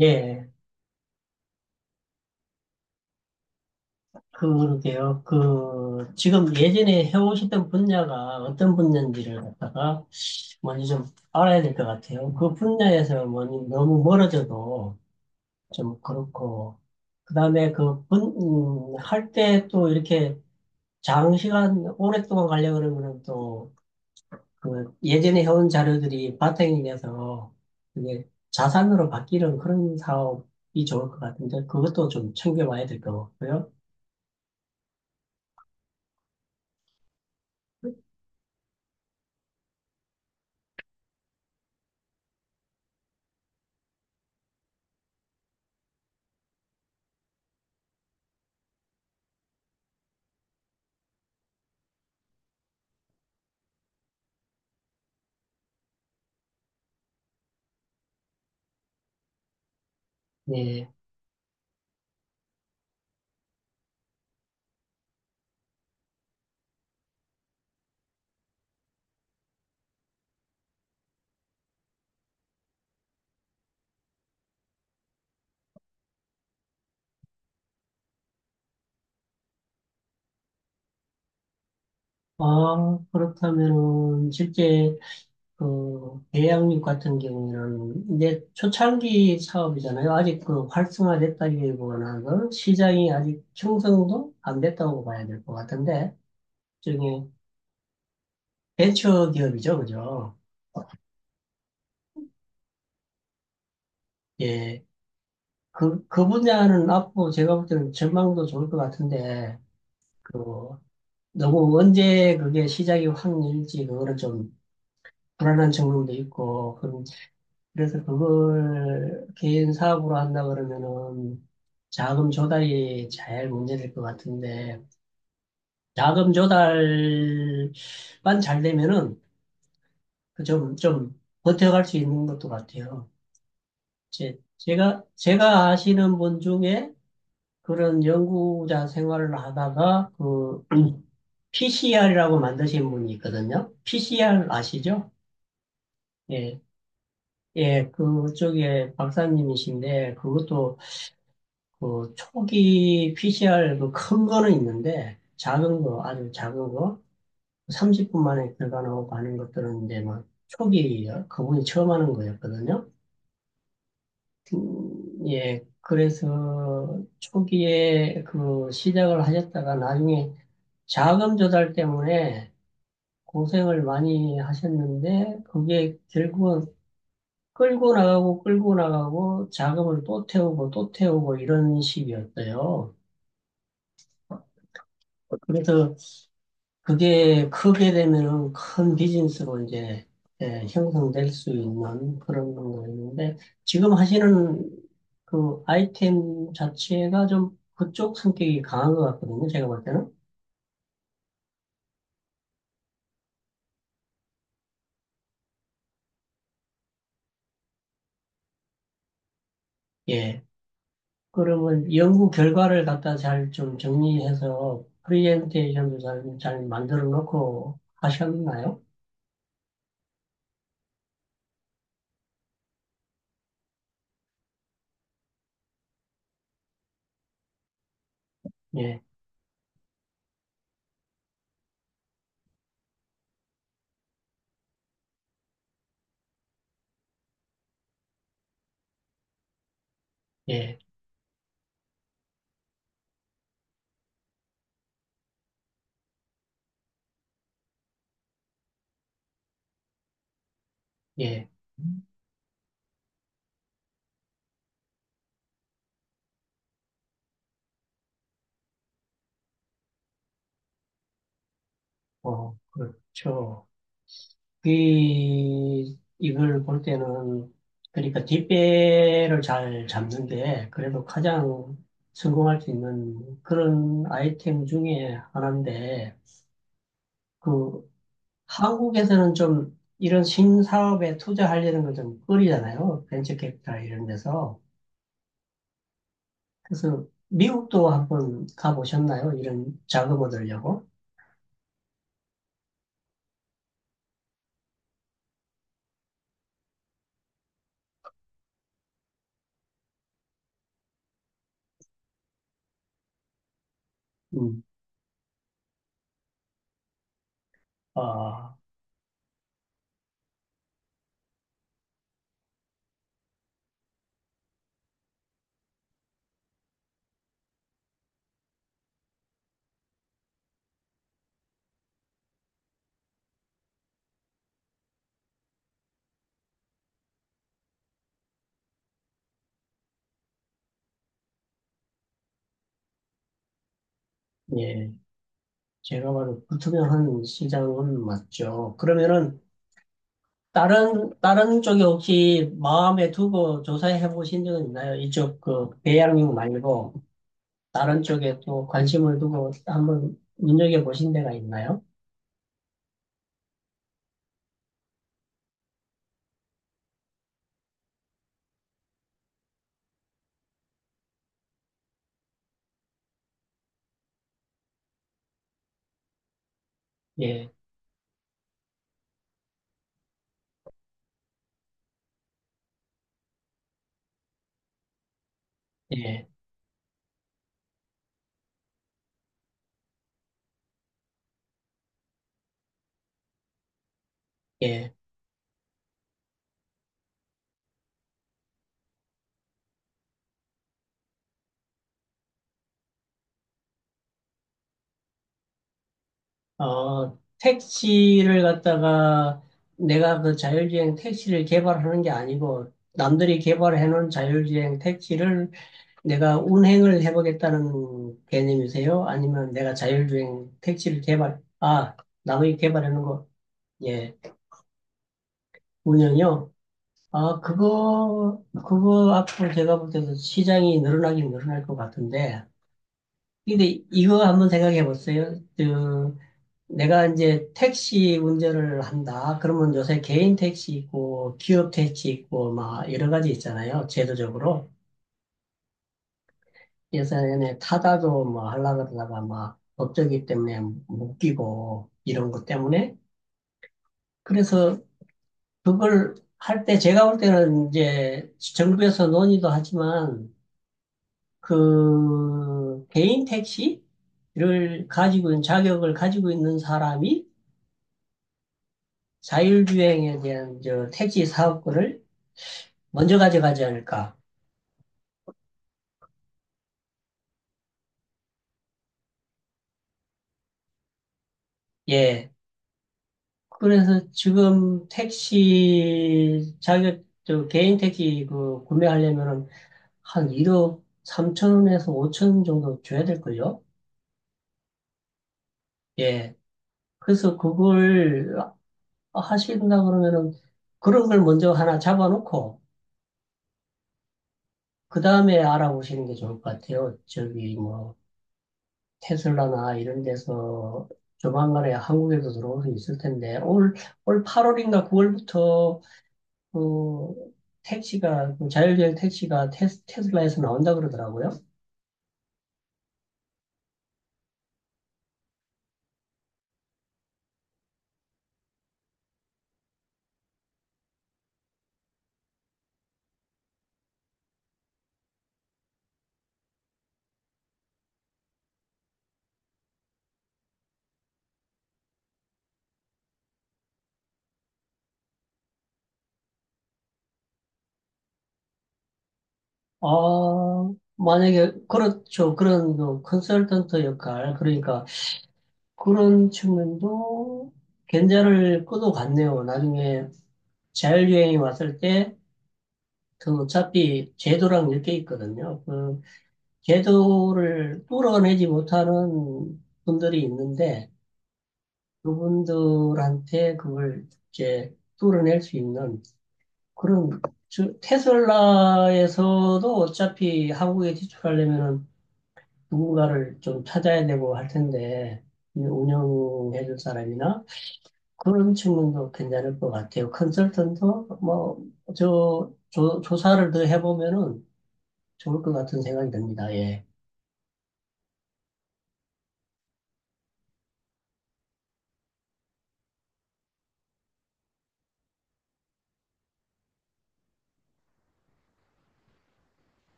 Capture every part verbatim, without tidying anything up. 예, 그러게요. 그, 지금 예전에 해오시던 분야가 어떤 분야인지를 갖다가 먼저 좀 알아야 될 것 같아요. 그 분야에서 뭐 너무 멀어져도 좀 그렇고, 그 다음에 그 분, 음, 할때 또 이렇게 장시간 오랫동안 가려고 그러면 또 그 예전에 해온 자료들이 바탕이 돼서 이게 자산으로 바뀌는 그런 사업이 좋을 것 같은데 그것도 좀 챙겨봐야 될 것 같고요. 예. 아, 그렇다면은 실제 그 대양육 같은 경우에는 이제 초창기 사업이잖아요. 아직 그 활성화됐다기보다는 그 시장이 아직 형성도 안 됐다고 봐야 될 것 같은데 중에 벤처 기업이죠, 그죠? 예, 그 그 분야는 앞으로 제가 볼 때는 전망도 좋을 것 같은데 그 너무 언제 그게 시작이 확 열지 그거는 좀 불안한 측면도 있고 그래서 그걸 개인 사업으로 한다 그러면은 자금 조달이 잘 문제될 것 같은데 자금 조달만 잘 되면은 그 좀, 좀 버텨갈 수 있는 것도 같아요. 제, 제가, 제가 아시는 분 중에 그런 연구자 생활을 하다가 그 피씨알이라고 만드신 분이 있거든요. 피씨알 아시죠? 예, 예, 그쪽에 박사님이신데 그것도 그 초기 피씨알 그 큰 거는 있는데 작은 거 아주 작은 거 삼십 분 만에 결과 나오고 하는 것들은 이제 막 초기 그분이 처음 하는 거였거든요. 음, 예, 그래서 초기에 그 시작을 하셨다가 나중에 자금 조달 때문에 고생을 많이 하셨는데 그게 결국은 끌고 나가고 끌고 나가고 자금을 또 태우고 또 태우고 이런 식이었어요. 그래서 그게 크게 되면은 큰 비즈니스로 이제 예, 형성될 수 있는 그런 거 있는데 지금 하시는 그 아이템 자체가 좀 그쪽 성격이 강한 것 같거든요. 제가 볼 때는. 예. 그러면 연구 결과를 갖다 잘 좀 정리해서 프리젠테이션도 잘, 잘 만들어 놓고 하셨나요? 예, 예, 예. 어, 그렇죠. 이, 이걸 볼 때는, 그러니까 뒷배를 잘 잡는데, 그래도 가장 성공할 수 있는 그런 아이템 중에 하나인데, 그, 한국에서는 좀 이런 신사업에 투자하려는 건좀 꺼리잖아요. 벤처 캐피탈 이런 데서. 그래서 미국도 한번 가보셨나요? 이런 자금 얻으려고? 음. 아, 예. 제가 봐도 불투명한 시장은 맞죠. 그러면은, 다른, 다른 쪽에 혹시 마음에 두고 조사해 보신 적은 있나요? 이쪽 그 배양육 말고 다른 쪽에 또 관심을 두고 한번 눈여겨 보신 데가 있나요? 예, 예, 예. 어, 택시를 갖다가 내가 그 자율주행 택시를 개발하는 게 아니고 남들이 개발해 놓은 자율주행 택시를 내가 운행을 해보겠다는 개념이세요? 아니면 내가 자율주행 택시를 개발, 아, 남이 개발해 놓은 거, 예. 운영이요 아, 그거, 그거 앞으로 제가 볼 때도 시장이 늘어나긴 늘어날 것 같은데. 근데 이거 한번 생각해 보세요. 그, 내가 이제 택시 운전을 한다. 그러면 요새 개인 택시 있고, 기업 택시 있고, 막 여러 가지 있잖아요. 제도적으로. 예전에 타다도 뭐 하려고 그러다가 막 법적이 때문에 못 끼고, 이런 것 때문에. 그래서 그걸 할 때 제가 볼 때는 이제 정부에서 논의도 하지만, 그 개인 택시를 가지고 있는 자격을 가지고 있는 사람이 자율주행에 대한 저 택시 사업권을 먼저 가져가지 않을까. 예. 그래서 지금 택시 자격 저 개인 택시 그 구매하려면은 한 일억 삼천 원에서 오천 원 정도 줘야 될걸요. 예. 그래서 그걸 하신다 그러면은 그런 걸 먼저 하나 잡아놓고 그 다음에 알아보시는 게 좋을 것 같아요. 저기 뭐 테슬라나 이런 데서 조만간에 한국에도 들어올 수 있을 텐데 올, 올 팔월인가 구월부터 그 택시가 그 자율주행 택시가 테, 테슬라에서 나온다 그러더라고요. 아 만약에 그렇죠 그런 그 컨설턴트 역할 그러니까 그런 측면도 견제를 끊어갔네요. 나중에 자율주행이 왔을 때 그 어차피 제도랑 엮여 있거든요. 그 제도를 뚫어내지 못하는 분들이 있는데 그분들한테 그걸 이제 뚫어낼 수 있는 그런 즉 테슬라에서도 어차피 한국에 진출하려면 누군가를 좀 찾아야 되고 할 텐데 운영해줄 사람이나 그런 측면도 괜찮을 것 같아요. 컨설턴트 뭐저 조사를 더 해보면은 좋을 것 같은 생각이 듭니다. 예.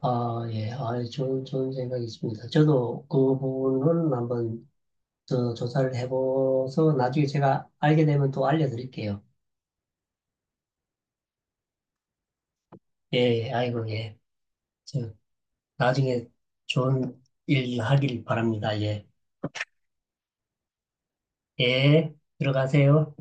아, 예, 아, 좋은, 좋은 생각이 있습니다. 저도 그 부분은 한번 저 조사를 해봐서 나중에 제가 알게 되면 또 알려드릴게요. 예, 예, 아이고, 예. 저 나중에 좋은 일 하길 바랍니다. 예, 예, 들어가세요.